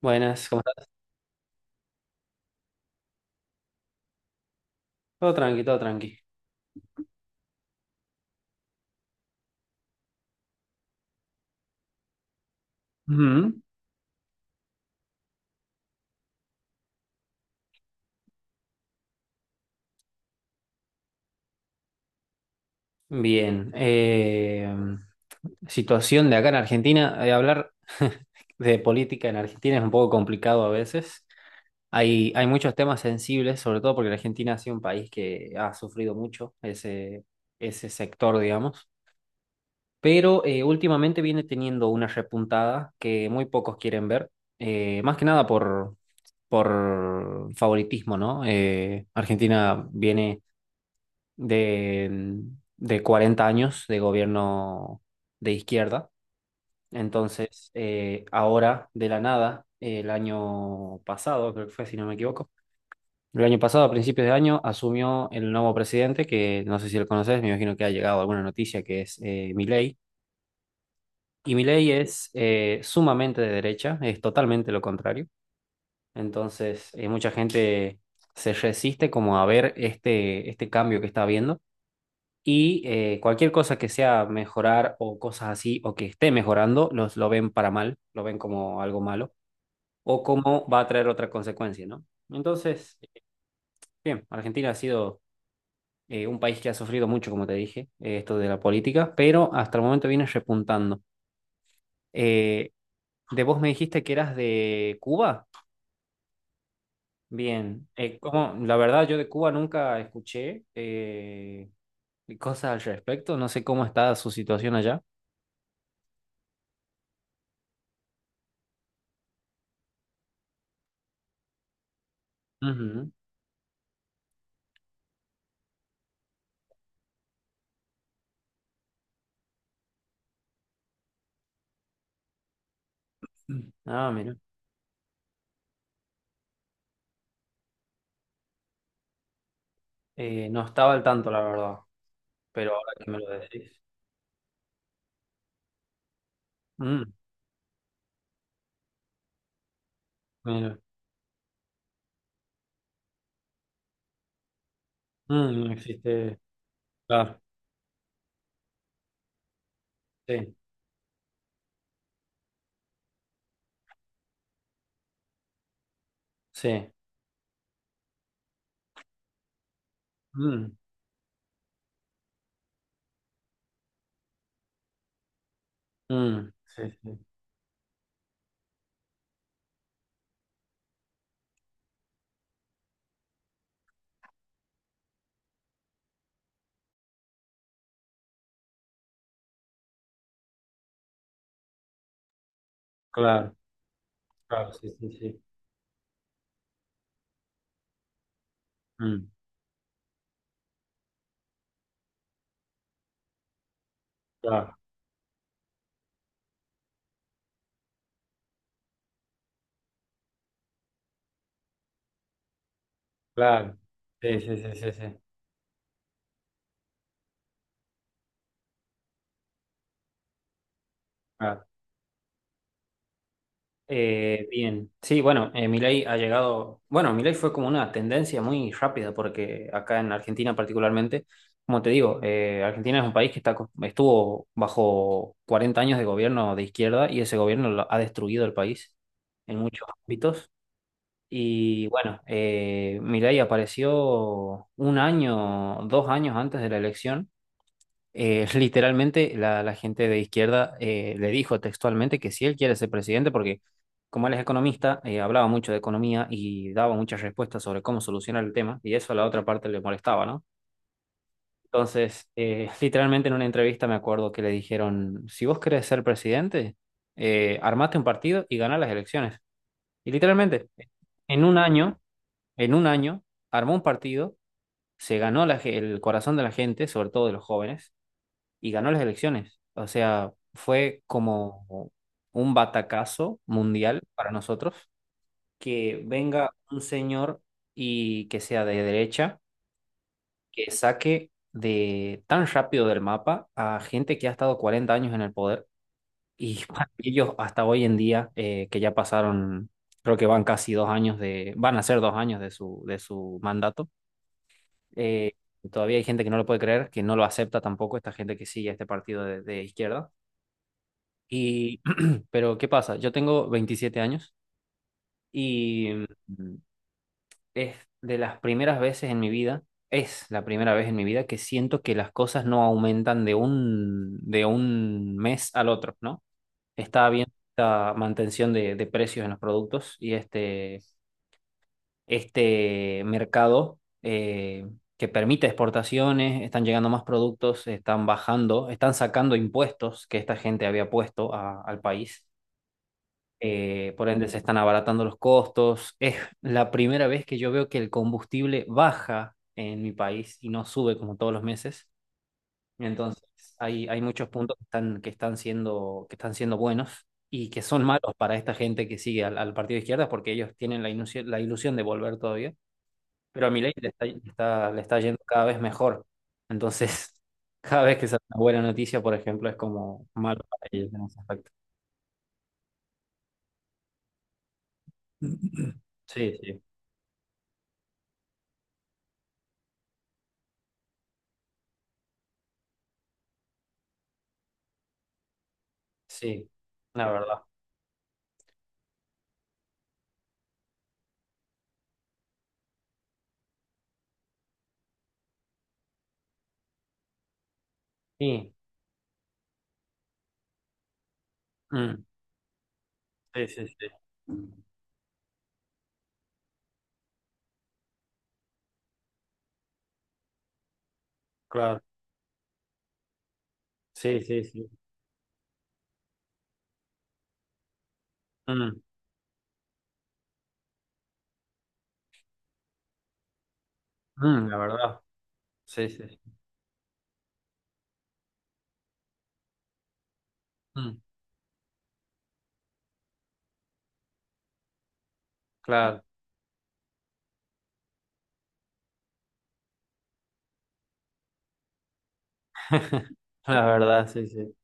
Buenas, ¿cómo estás? Todo tranqui, todo tranqui. Ujú. Bien. Situación de acá en Argentina. Hablar de política en Argentina es un poco complicado a veces. Hay muchos temas sensibles, sobre todo porque la Argentina ha sido un país que ha sufrido mucho ese sector, digamos. Pero últimamente viene teniendo una repuntada que muy pocos quieren ver, más que nada por favoritismo, ¿no? Argentina viene... de, de 40 de gobierno de izquierda. Entonces, ahora, de la nada, el año pasado, creo que fue, si no me equivoco, el año pasado, a principios de año, asumió el nuevo presidente, que no sé si lo conoces, me imagino que ha llegado alguna noticia, que es Milei. Y Milei es sumamente de derecha, es totalmente lo contrario. Entonces, mucha gente se resiste como a ver este cambio que está habiendo. Y cualquier cosa que sea mejorar o cosas así, o que esté mejorando, lo ven para mal, lo ven como algo malo, o como va a traer otra consecuencia, ¿no? Entonces, bien, Argentina ha sido un país que ha sufrido mucho, como te dije, esto de la política, pero hasta el momento viene repuntando. Eh, de vos me dijiste que eras de Cuba. Bien, como, la verdad yo de Cuba nunca escuché cosas al respecto, no sé cómo está su situación allá. Ujú. Ah, mira. No estaba al tanto, la verdad, pero ahora que me lo decís. Mm, mira. Mm, no existe. Claro, sí, sí. Mm, mm, sí, sí. Claro, claro, sí, sí, sí. Mm, claro, claro. Sí, sí, sí, sí, sí. Claro. Bien, sí, bueno, Milei ha llegado, bueno, Milei fue como una tendencia muy rápida porque acá en Argentina particularmente, como te digo, Argentina es un país que estuvo bajo 40 de gobierno de izquierda y ese gobierno ha destruido el país en muchos ámbitos. Y bueno, Milei apareció un año, dos años antes de la elección literalmente la gente de izquierda le dijo textualmente que si él quiere ser presidente, porque como él es economista, hablaba mucho de economía y daba muchas respuestas sobre cómo solucionar el tema, y eso a la otra parte le molestaba, ¿no? Entonces, literalmente en una entrevista me acuerdo que le dijeron, si vos querés ser presidente, armate un partido y ganá las elecciones. Y literalmente, en un año, en un año, armó un partido, se ganó el corazón de la gente, sobre todo de los jóvenes y ganó las elecciones. O sea, fue como un batacazo mundial para nosotros que venga un señor y que sea de derecha, que saque de tan rápido del mapa a gente que ha estado 40 en el poder y para ellos hasta hoy en día que ya pasaron, creo que van casi dos años van a ser dos años de de su mandato. eh, Todavía hay gente que no lo puede creer, que no lo acepta tampoco, esta gente que sigue a este partido de izquierda. Y, pero, ¿qué pasa? Yo tengo 27 años y mm, es de las primeras veces en mi vida, es la primera vez en mi vida que siento que las cosas no aumentan de un mes al otro, ¿no? Está habiendo esta mantención de precios en los productos y este mercado que permite exportaciones, están llegando más productos, están bajando, están sacando impuestos que esta gente había puesto al país. Por ende se están abaratando los costos. Es la primera vez que yo veo que el combustible baja en mi país y no sube como todos los meses. Entonces hay muchos puntos que están, que están siendo buenos y que son malos para esta gente que sigue al partido de izquierda porque ellos tienen la ilusión de volver todavía. Pero a Milei le está yendo cada vez mejor. Entonces, cada vez que sale una buena noticia, por ejemplo, es como malo para ellos en ese aspecto. Sí, sí, sí, la verdad. Sí, mm, sí, sí, sí, claro, sí, sí, sí, mm, mm, la verdad, sí, sí, sí, mm, claro, la verdad, sí, sí.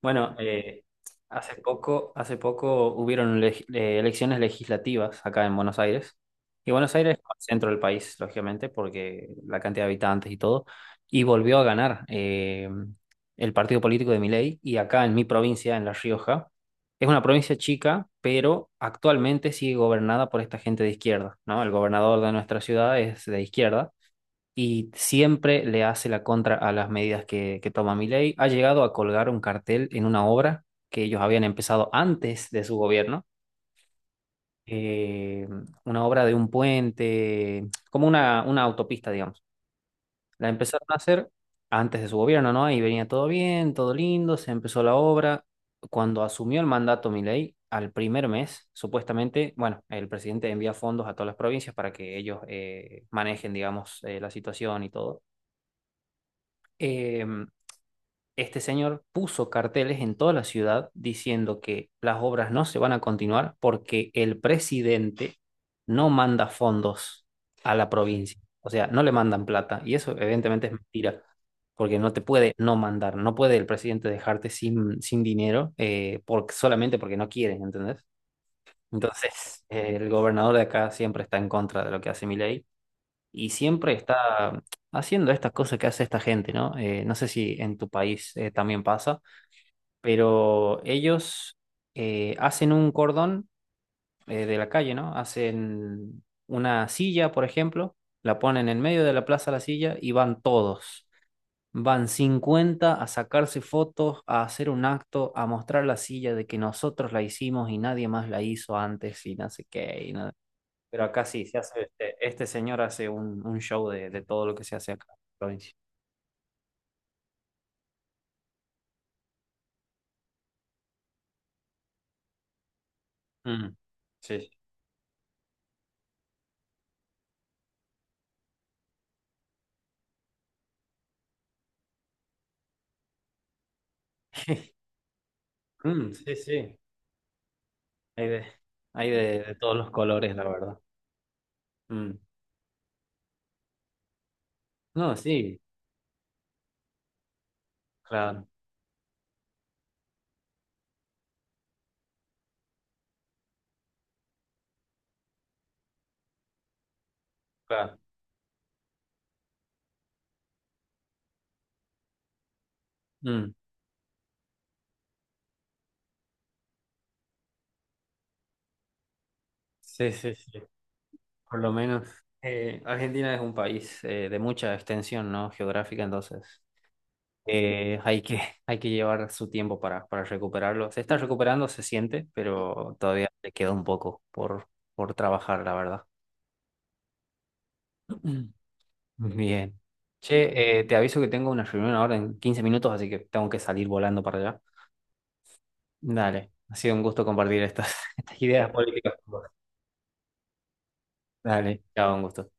Bueno, hace poco hubieron elecciones legislativas acá en Buenos Aires. Y Buenos Aires es el centro del país, lógicamente, porque la cantidad de habitantes y todo. Y volvió a ganar el partido político de Milei. Y acá en mi provincia, en La Rioja, es una provincia chica, pero actualmente sigue gobernada por esta gente de izquierda, ¿no? El gobernador de nuestra ciudad es de izquierda y siempre le hace la contra a las medidas que toma Milei. Ha llegado a colgar un cartel en una obra que ellos habían empezado antes de su gobierno, eh, una obra de un puente, como una autopista, digamos. La empezaron a hacer antes de su gobierno, ¿no? Ahí venía todo bien, todo lindo, se empezó la obra. Cuando asumió el mandato Milei, al primer mes, supuestamente, bueno, el presidente envía fondos a todas las provincias para que ellos manejen, digamos, la situación y todo. Em, este señor puso carteles en toda la ciudad diciendo que las obras no se van a continuar porque el presidente no manda fondos a la provincia. O sea, no le mandan plata. Y eso evidentemente es mentira, porque no te puede no mandar. No puede el presidente dejarte sin, sin dinero solamente porque no quiere, ¿entendés? Entonces, el gobernador de acá siempre está en contra de lo que hace Milei y siempre está haciendo estas cosas que hace esta gente, ¿no? No sé si en tu país también pasa, pero ellos hacen un cordón de la calle, ¿no? Hacen una silla, por ejemplo, la ponen en medio de la plaza la silla y van todos. Van 50 a sacarse fotos, a hacer un acto, a mostrar la silla de que nosotros la hicimos y nadie más la hizo antes y no sé qué. Y nada. Pero acá sí, se hace, este señor hace un show de todo lo que se hace acá en la provincia. Mm. Sí. Mm, sí, sí. Hay de, hay de todos los colores, la verdad. Mm. No, sí, claro, claro. Mm. Sí, sí, sí. Por lo menos Argentina es un país de mucha extensión, ¿no? Geográfica, entonces hay que, hay que llevar su tiempo para recuperarlo. Se está recuperando, se siente, pero todavía le queda un poco por trabajar, la verdad. Mm. Bien. Che, te aviso que tengo una reunión ahora en 15, así que tengo que salir volando para allá. Dale, ha sido un gusto compartir estas, estas ideas políticas con vos. Dale, chao, un gusto.